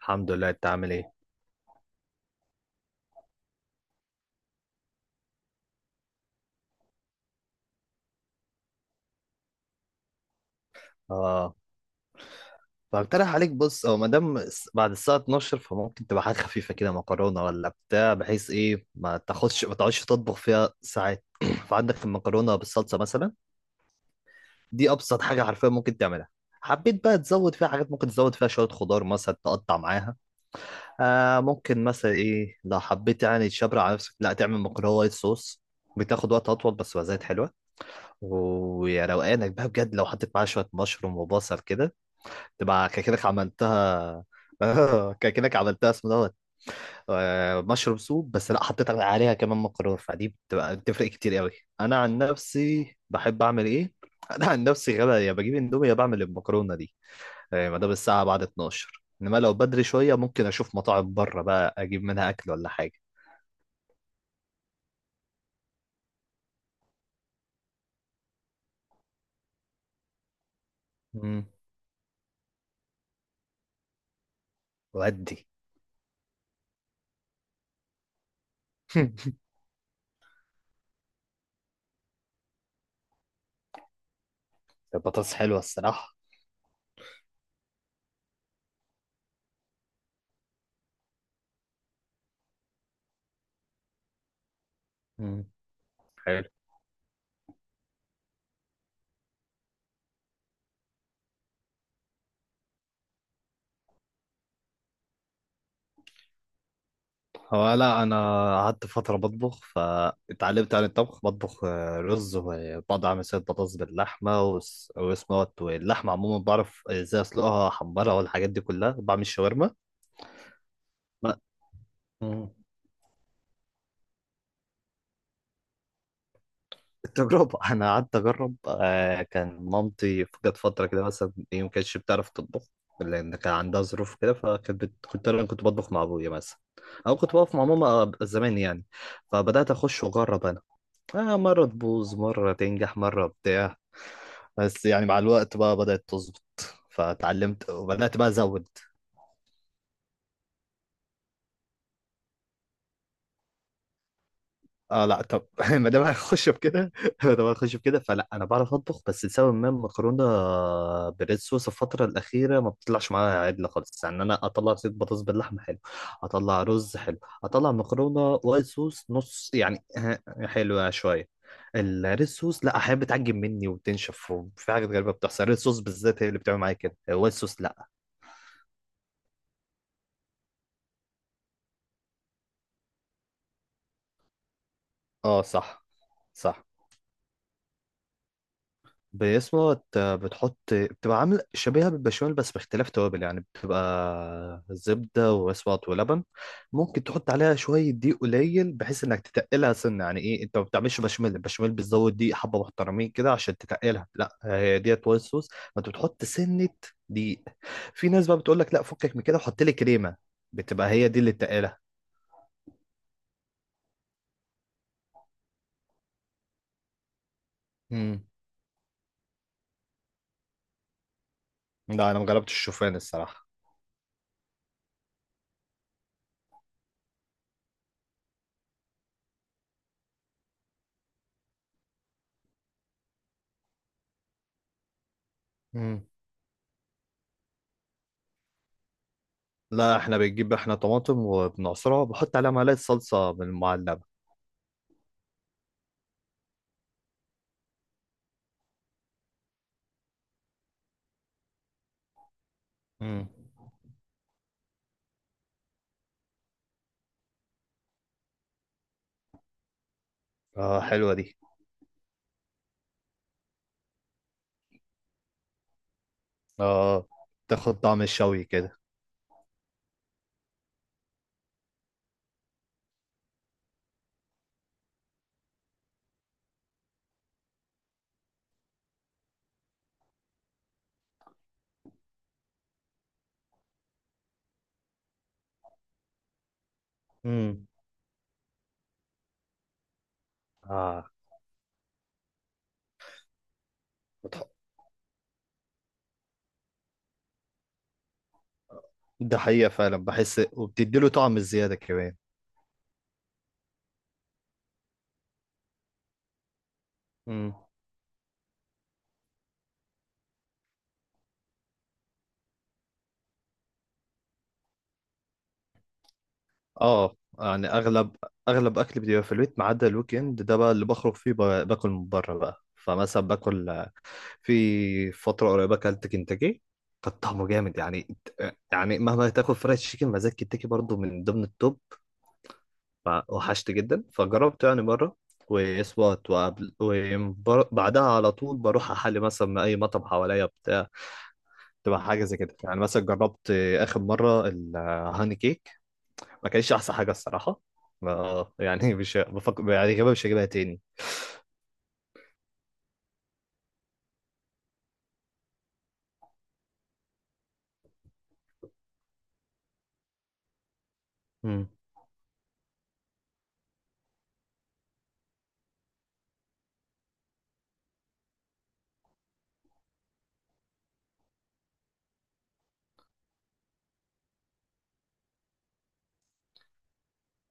الحمد لله. انت عامل ايه؟ اه، فاقترح عليك. بص، او ما دام بعد الساعه 12 فممكن تبقى حاجه خفيفه كده، مكرونه ولا بتاع، بحيث ايه، ما تاخدش ما تقعدش تطبخ فيها ساعات. فعندك المكرونه بالصلصه مثلا. دي ابسط حاجه حرفيا ممكن تعملها. حبيت بقى تزود فيها حاجات، ممكن تزود فيها شويه خضار مثلا تقطع معاها. آه، ممكن مثلا ايه، لو حبيت يعني تشبر على نفسك، لا، تعمل مكرونه وايت صوص. بتاخد وقت اطول بس وزيت حلوه. ويا روقانك بقى بجد لو حطيت معاها شويه مشروم وبصل كده تبقى كده عملتها. كده عملتها اسمه دوت. مشروب سوب، بس لا، حطيت عليها كمان مكرونه، فدي بتبقى بتفرق كتير قوي. انا عن نفسي بحب اعمل ايه؟ انا عن نفسي غبا، يا بجيب اندومي يا بعمل المكرونه دي. ما دام الساعه بعد 12. انما لو بدري شويه ممكن اشوف مطاعم بره بقى اجيب منها اكل ولا حاجة. مم. وادي. البطاطس حلوه الصراحه. مم. هو لا، انا قعدت فتره بطبخ فاتعلمت عن الطبخ. بطبخ رز، وبعض اعمل سلطه بطاطس باللحمه، واسمه دوت، واللحمه عموما بعرف ازاي اسلقها، احمرها، والحاجات دي كلها. بعمل شاورما. لا. مم. التجربه. انا قعدت اجرب. كان مامتي جت فتره كده مثلا ايه، ما كانتش بتعرف تطبخ لان كان عندها ظروف كده. كنت انا كنت بطبخ مع ابويا مثلا، او كنت بقف مع ماما زمان يعني. فبدات اخش واجرب انا. مره تبوظ، مره تنجح، مره بتاع، بس يعني مع الوقت بقى بدأت تظبط. فتعلمت وبدأت بقى أزود. اه، لا طب. ما دام هخش بكده. ما دام هخش بكده، فلا، انا بعرف اطبخ، بس لسبب ما المكرونه بريد صوص الفتره الاخيره ما بتطلعش معايا عدله خالص. يعني انا اطلع زيت، بطاطس باللحمه حلو، اطلع رز حلو، اطلع مكرونه وايت صوص نص يعني حلوه شويه. الريد صوص لا، احيانا بتعجب مني وبتنشف، وفي حاجات غريبه بتحصل. الريد صوص بالذات هي اللي بتعمل معايا كده، الوايت صوص لا. اه، صح. صح، بتحط، بتبقى عامل شبيهة بالبشاميل بس باختلاف توابل، يعني بتبقى زبدة واسماط ولبن. ممكن تحط عليها شوية دقيق قليل بحيث انك تتقلها سنة. يعني ايه انت ما بتعملش بشاميل؟ البشاميل بتزود دقيق حبة محترمين كده عشان تتقلها. لا، هي ديت وايت صوص ما انت بتحط سنة دقيق. في ناس بقى بتقول لك لا، فكك من كده وحط لي كريمة. بتبقى هي دي اللي تقلها. امم. لا، انا ما جربتش الشوفان الصراحة. لا، احنا بنجيب احنا طماطم وبنعصرها، وبحط عليها معلقة صلصة من المعلبة. امم. اه، حلوة دي. اه، تاخد طعم الشوي كده. امم. اه. بتح- ده حقيقة فعلا بحس، وبتديله طعم الزيادة كمان. امم. اه يعني اغلب، اكل بيبقى في البيت، ما عدا الويك اند ده بقى اللي بخرج فيه، باكل من بره بقى. فمثلا باكل، في فتره قريبه اكلت كنتاكي. كان طعمه جامد يعني. يعني مهما تاكل فرايد تشيكن، مزاج كنتاكي برضه من ضمن التوب. فوحشت جدا فجربت يعني مرة، واسوات وقبل وبعدها على طول بروح أحل مثلا من أي مطعم حواليا بتاع، تبقى حاجة زي كده. يعني مثلا جربت آخر مرة الهاني كيك، ما كانش أحسن حاجة الصراحة. يعني مش بفكر يعني غالبا مش هجيبها تاني. مم.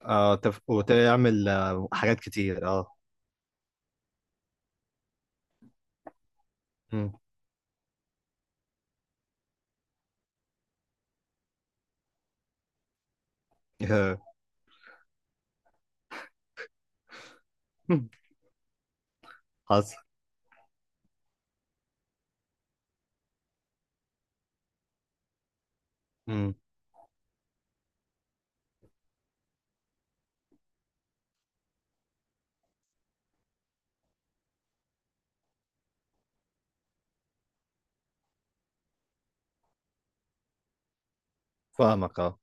آه، وتعمل حاجات كتير. اه. مم. حصل. مم. فاهمك، اه.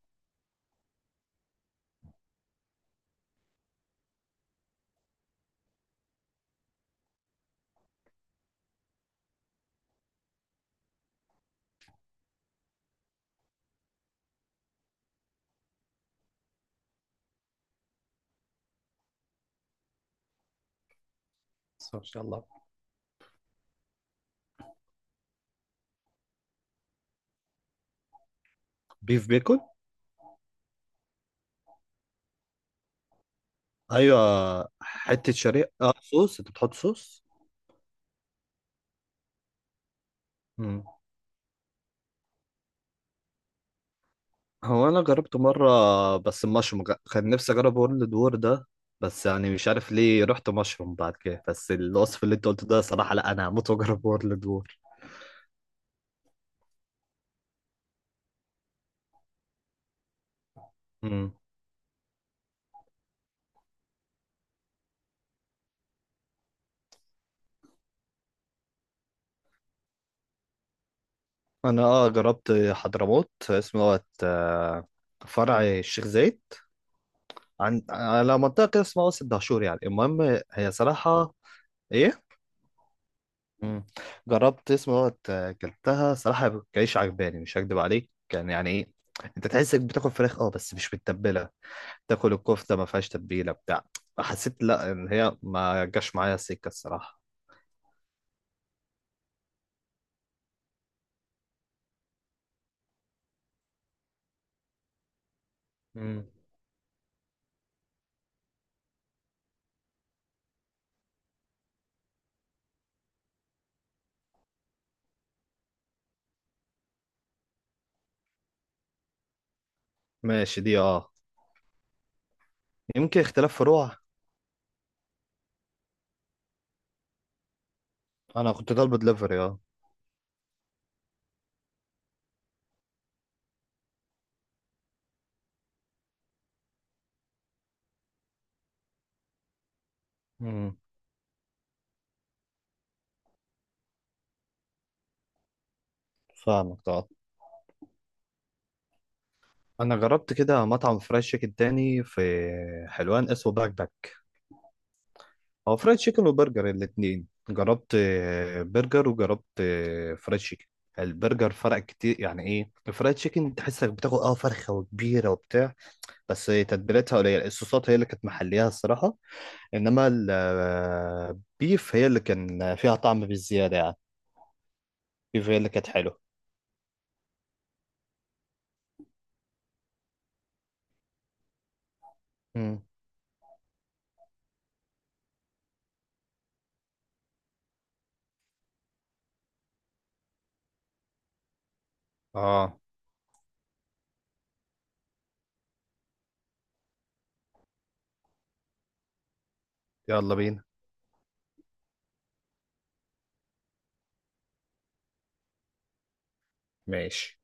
بس ما شاء الله. بيف بيكون. ايوه، حته شريحه، اه. صوص، انت بتحط صوص. مم. هو انا جربته مره، بس المشروم كان نفسي اجرب وورلد وور ده، بس يعني مش عارف ليه رحت مشروم بعد كده. بس الوصف اللي انت قلته ده صراحه، لا انا هموت واجرب وورلد وور. امم. انا اه جربت حضرموت اسمه دوت فرع الشيخ زايد، عن على منطقه كده اسمها وسط دهشور يعني. المهم هي صراحه ايه. مم. جربت اسمه دوت اكلتها صراحه كانش عجباني. مش هكدب عليك، كان يعني ايه، انت تحسك بتاكل فراخ اه بس مش متبله. تاكل الكفته ما فيهاش تتبيله بتاع، فحسيت لا، ان هي ما جاش معايا سكه الصراحه. مم. ماشي دي، اه يمكن اختلاف فروع. انا كنت طالب دليفري، اه. مم. فاهمك طبعا. انا جربت كده مطعم فرايد تشيكن تاني في حلوان اسمه باك باك. هو فرايد تشيكن وبرجر، الاتنين جربت، برجر وجربت فرايد تشيكن. البرجر فرق كتير يعني ايه، الفرايد تشيكن تحسك بتاخد اه فرخه وكبيره وبتاع، بس تتبيلتها قليله، الصوصات هي اللي كانت محليها الصراحه. انما البيف هي اللي كان فيها طعم بالزياده يعني. البيف هي اللي كانت حلوه. مم. اه، يلا بينا. ماشي.